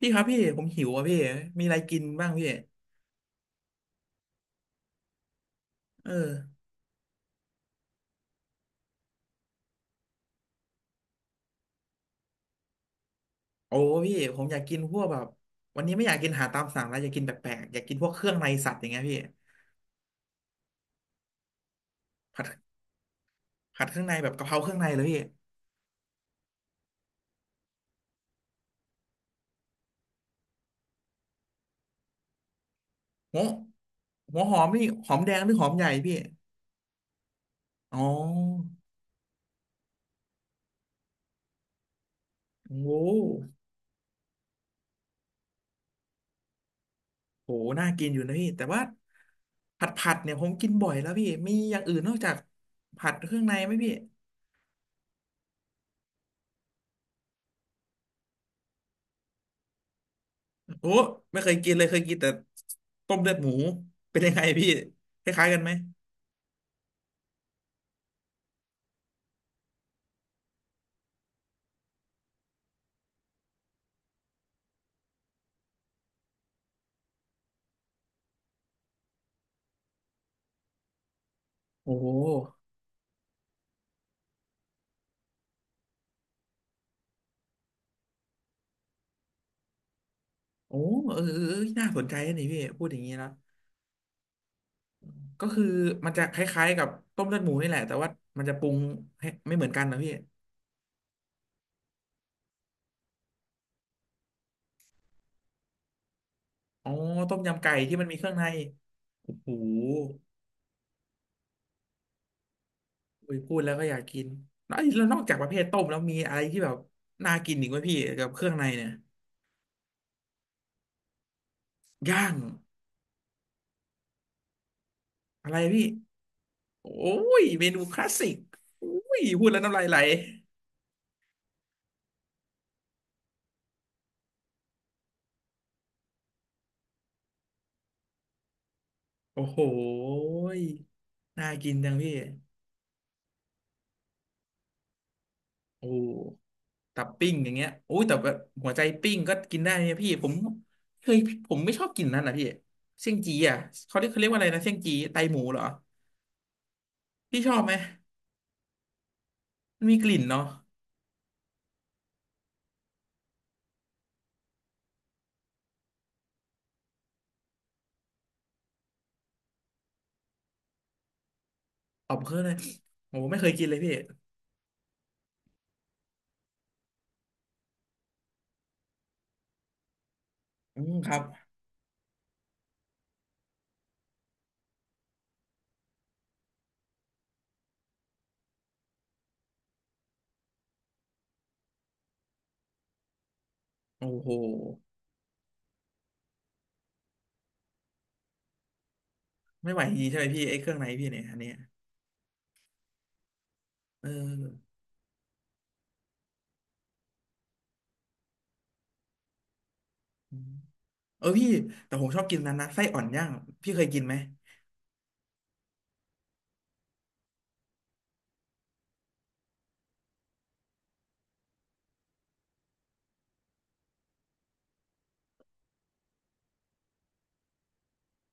พี่ครับพี่ผมหิวอ่ะพี่มีอะไรกินบ้างพี่เออโอ้พี่ผมอยากกินพวกแบบวันนี้ไม่อยากกินอาหารตามสั่งแล้วอยากกินแปลกๆอยากกินพวกเครื่องในสัตว์อย่างเงี้ยพี่ผัดผัดเครื่องในแบบกะเพราเครื่องในเลยพี่หัวหัวหอมนี่หอมแดงหรือหอมใหญ่พี่อ๋อโอ้โหโหน่ากินอยู่นะพี่แต่ว่าผัดเนี่ยผมกินบ่อยแล้วพี่มีอย่างอื่นนอกจากผัดเครื่องในไหมพี่โอ้ไม่เคยกินเลยเคยกินแต่ต้มเลือดหมูเป็นยังไงพี่คล้ายๆกันไหม โอ้โอ้เออเออเออน่าสนใจนะนี่พี่พูดอย่างนี้แล้วก็คือมันจะคล้ายๆกับต้มเลือดหมูนี่แหละแต่ว่ามันจะปรุงให้ไม่เหมือนกันนะพี่อ๋อต้มยำไก่ที่มันมีเครื่องในโอ้โหโอ้ยพูดแล้วก็อยากกินแล้วนอกจากประเภทต้มแล้วมีอะไรที่แบบน่ากินอีกไหมพี่กับเครื่องในเนี่ยย่างอะไรพี่โอ้ยเมนูคลาสสิกโอ้ยพูดแล้วน้ำลายไหลโอ้โหยน่ากินจังพี่โอ้ ตับปิ้งอย่างเงี้ยโอ้ยแต่แบบหัวใจปิ้งก็กินได้นะพี่ผมเคยผมไม่ชอบกินนั่นนะพี่เสี่ยงจีอ่ะเขาเรียกว่าอะไรนะเสี่ยงจีไตหมูเหรอพี่ชอบไหมมันมีกลิ่นเนาะออกเครื่องเลยโอ้ไม่เคยกินเลยพี่อืมครับโอ้โหไม่ไหวจริงๆใช่ไหมพี่ไอ้เครื่องในพี่เนี่ยอันเนี้ยเอออืมเออพี่แต่ผมชอบกินนั้นนะไส้อ่อนย่างพี่เคยกินไหม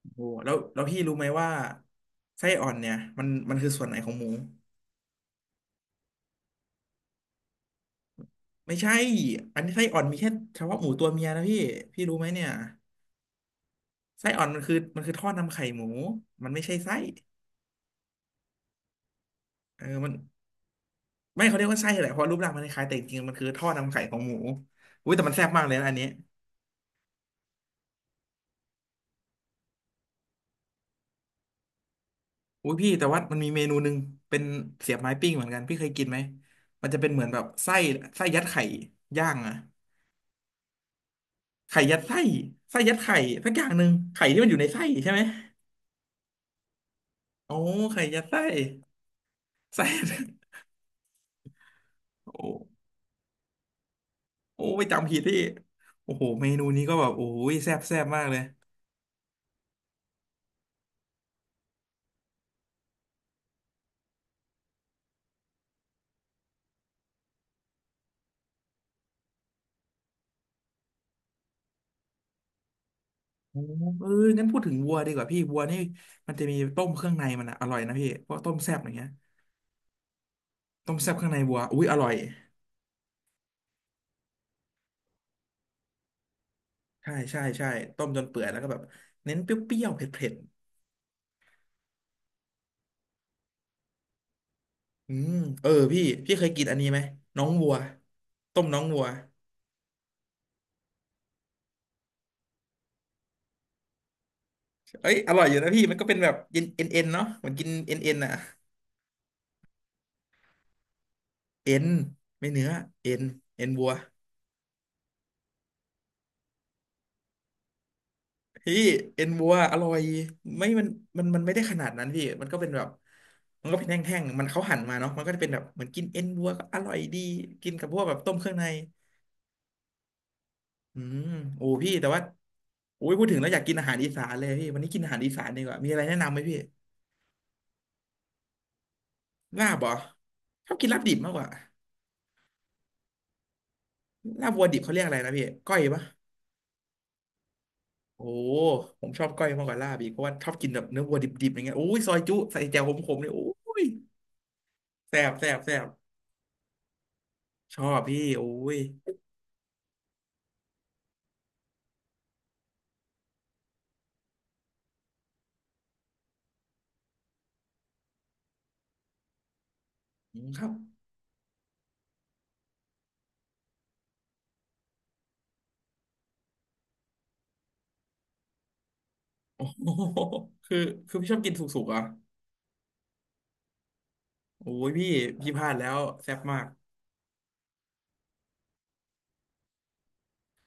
โอ้โหแล้วแล้วพี่รู้ไหมว่าไส้อ่อนเนี่ยมันคือส่วนไหนของหมู ไม่ใช่อันนี้ไส้อ่อนมีแค่เฉพาะหมูตัวเมียนะพี่ พี่รู้ไหมเนี่ย ไส้อ่อนมันคือท่อนำไข่หมูมันไม่ใช่ไส้เออมันไม่เขาเรียกว่าไส้แหละเพราะรูปร่างมันคล้ายๆแต่จริงๆมันคือท่อนำไข่ของหมูอุ้ยแต่มันแซ่บมากเลยนะอันนี้อุ้ยพี่แต่ว่ามันมีเมนูหนึ่งเป็นเสียบไม้ปิ้งเหมือนกันพี่เคยกินไหมมันจะเป็นเหมือนแบบไส้ไส้ยัดไข่ย่างอะไข่ยัดไส้ไส้ยัดไข่สักอย่างหนึ่งไข่ที่มันอยู่ในไส้ใช่ไหมโอ้ไข่ยัดไส้ไส้โอ้ โอ้ไปจำผิดที่โอ้โหเมนูนี้ก็แบบโอ้ยแซ่บแซ่บมากเลยโอ้เอองั้นพูดถึงวัวดีกว่าพี่วัวนี่มันจะมีต้มเครื่องในมันอะอร่อยนะพี่พวกต้มแซ่บอย่างเงี้ยต้มแซ่บเครื่องในวัวอุ้ยอร่อยใช่ใช่ใช่ต้มจนเปื่อยแล้วก็แบบเน้นเปรี้ยวๆเผ็ดๆอืมเออพี่เคยกินอันนี้ไหมน้องวัวต้มน้องวัวเอ้ยอร่อยอยู่นะพี่มันก็เป็นแบบเย็นเอ็นเนาะเหมือนกินเอ็นอะเอ็นไม่เนื้อเอ็นเอ็นวัว พี่เอ็นวัวอร่อยไม่มันไม่ได้ขนาดนั้นพี่มันก็เป็นแบบมันก็เป็นแห้งๆมันเขาหั่นมาเนาะมันก็จะเป็นแบบเหมือนกินเอ็นวัวก็อร่อยดีกินกับพวกแบบต้มเครื่องในอืมโอ้พี่แต่ว่าโอ้ยพูดถึงแล้วอยากกินอาหารอีสานเลยพี่วันนี้กินอาหารอีสานดีกว่ามีอะไรแนะนำไหมพี่ลาบเหรอชอบกินลาบดิบมากกว่าลาบวัวดิบเขาเรียกอะไรนะพี่ก้อยปะโอ้ผมชอบก้อยมากกว่าลาบอีกเพราะว่าชอบกินแบบเนื้อวัวดิบๆอย่างเงี้ยโอ้ยซอยจุใส่แจ่วขมๆเลยโอ้ยแซ่บแซ่บแซ่บชอบพี่โอ้ย อืมครับโอ้โหคือคือพี่ชอบกินสุกๆอ่ะโอ้ยพี่พลาดแล้วแซ่บมาก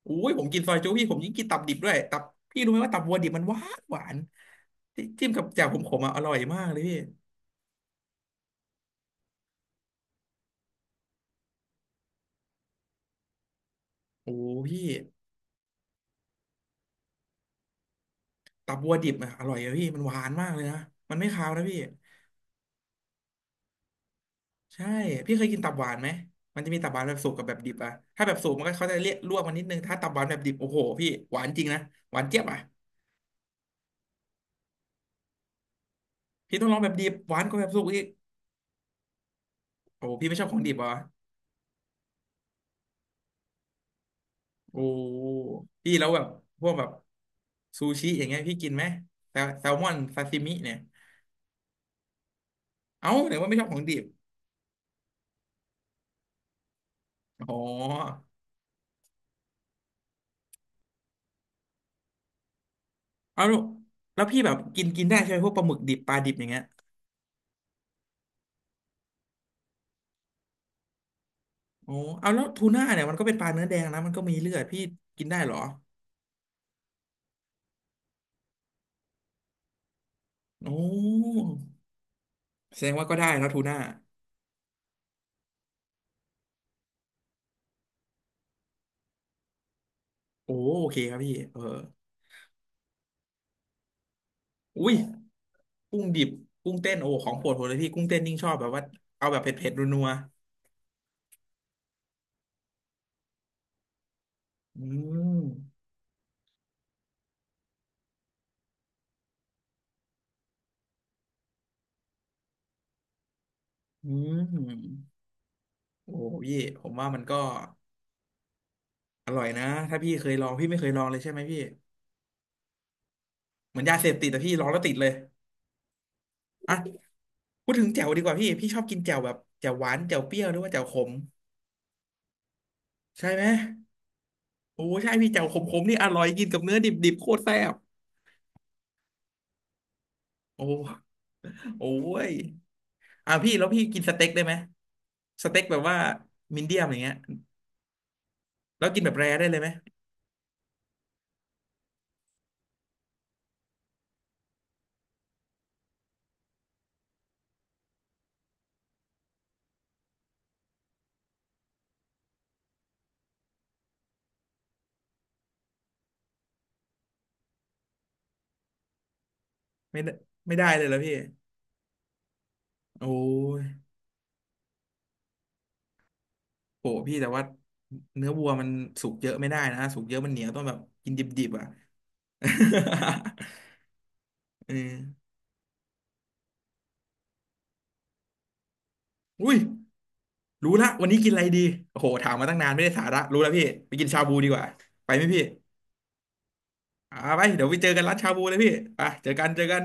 โอ้ยผมกินซอยจุพี่ผมยิ่งกินตับดิบด้วยตับพี่รู้ไหมว่าตับวัวดิบมันหวานหวานจิ้มกับแจ่วขมๆอ่ะอร่อยมากเลยพี่โอ้พี่ตับวัวดิบอ่ะอร่อยอะพี่มันหวานมากเลยนะมันไม่คาวนะพี่ใช่พี่เคยกินตับหวานไหมมันจะมีตับหวานแบบสุกกับแบบดิบอ่ะถ้าแบบสุกมันก็เขาจะเรียกลวกมันนิดนึงถ้าตับหวานแบบดิบโอ้โหพี่หวานจริงนะหวานเจี๊ยบอ่ะพี่ต้องลองแบบดิบหวานกว่าแบบสุกอีกโอ้พี่ไม่ชอบของดิบเหรอ โอ้พี่แล้วแบบพวกแบบซูชิอย่างเงี้ยพี่กินไหมแซลมอนซาซิมิเนี่ยเอ้าไหนว่าไม่ชอบของดิบอ๋อเอาแล้วแล้วพี่แบบกินกินได้ใช่ไหมพวกปลาหมึกดิบปลาดิบอย่างเงี้ยโอ้เอาแล้วทูน่าเนี่ยมันก็เป็นปลาเนื้อแดงนะมันก็มีเลือดพี่กินได้เหรอโอ้แสดงว่าก็ได้นะทูน่าโอ้โอเคครับพี่เอออุ้ยกุ้งดิบกุ้งเต้นโอ้ของโปรดผมเลยพี่กุ้งเต้นยิ่งชอบแบบว่าเอาแบบเผ็ดๆนัวๆอืมอืม โอ้โหพี่ผมว่ามันก็อร่อยนะถ้าพี่เคยลองพี่ไม่เคยลองเลยใช่ไหมพี่เหมือนยาเสพติดแต่พี่ลองแล้วติดเลยอ่ะพูดถึงแจ่วดีกว่าพี่ชอบกินแจ่วแบบแจ่วหวานแจ่วเปรี้ยวหรือว่าแจ่วขมใช่ไหมโอ้ใช่พี่แจ่วขมๆนี่อร่อยกินกับเนื้อดิบๆโคตรแซ่บโอ้โอ้ยอ่ะพี่แล้วพี่กินสเต็กได้ไหมสเต็กแบบว่ามีเดียมอย่างเงี้ยแล้วกินแบบแรร์ได้เลยไหมไม่ได้ไม่ได้เลยเหรอพี่โอ้ยโหพี่แต่ว่าเนื้อวัวมันสุกเยอะไม่ได้นะสุกเยอะมันเหนียวต้องแบบกินดิบๆอ่ะ เอออุ้ยรู้ละวันนี้กินอะไรดีโอ้โหถามมาตั้งนานไม่ได้สาระรู้แล้วพี่ไปกินชาบูดีกว่าไปไหมพี่อ่าไปเดี๋ยวไปเจอกันร้านชาบูเลยพี่ไปเจอกันเจอกัน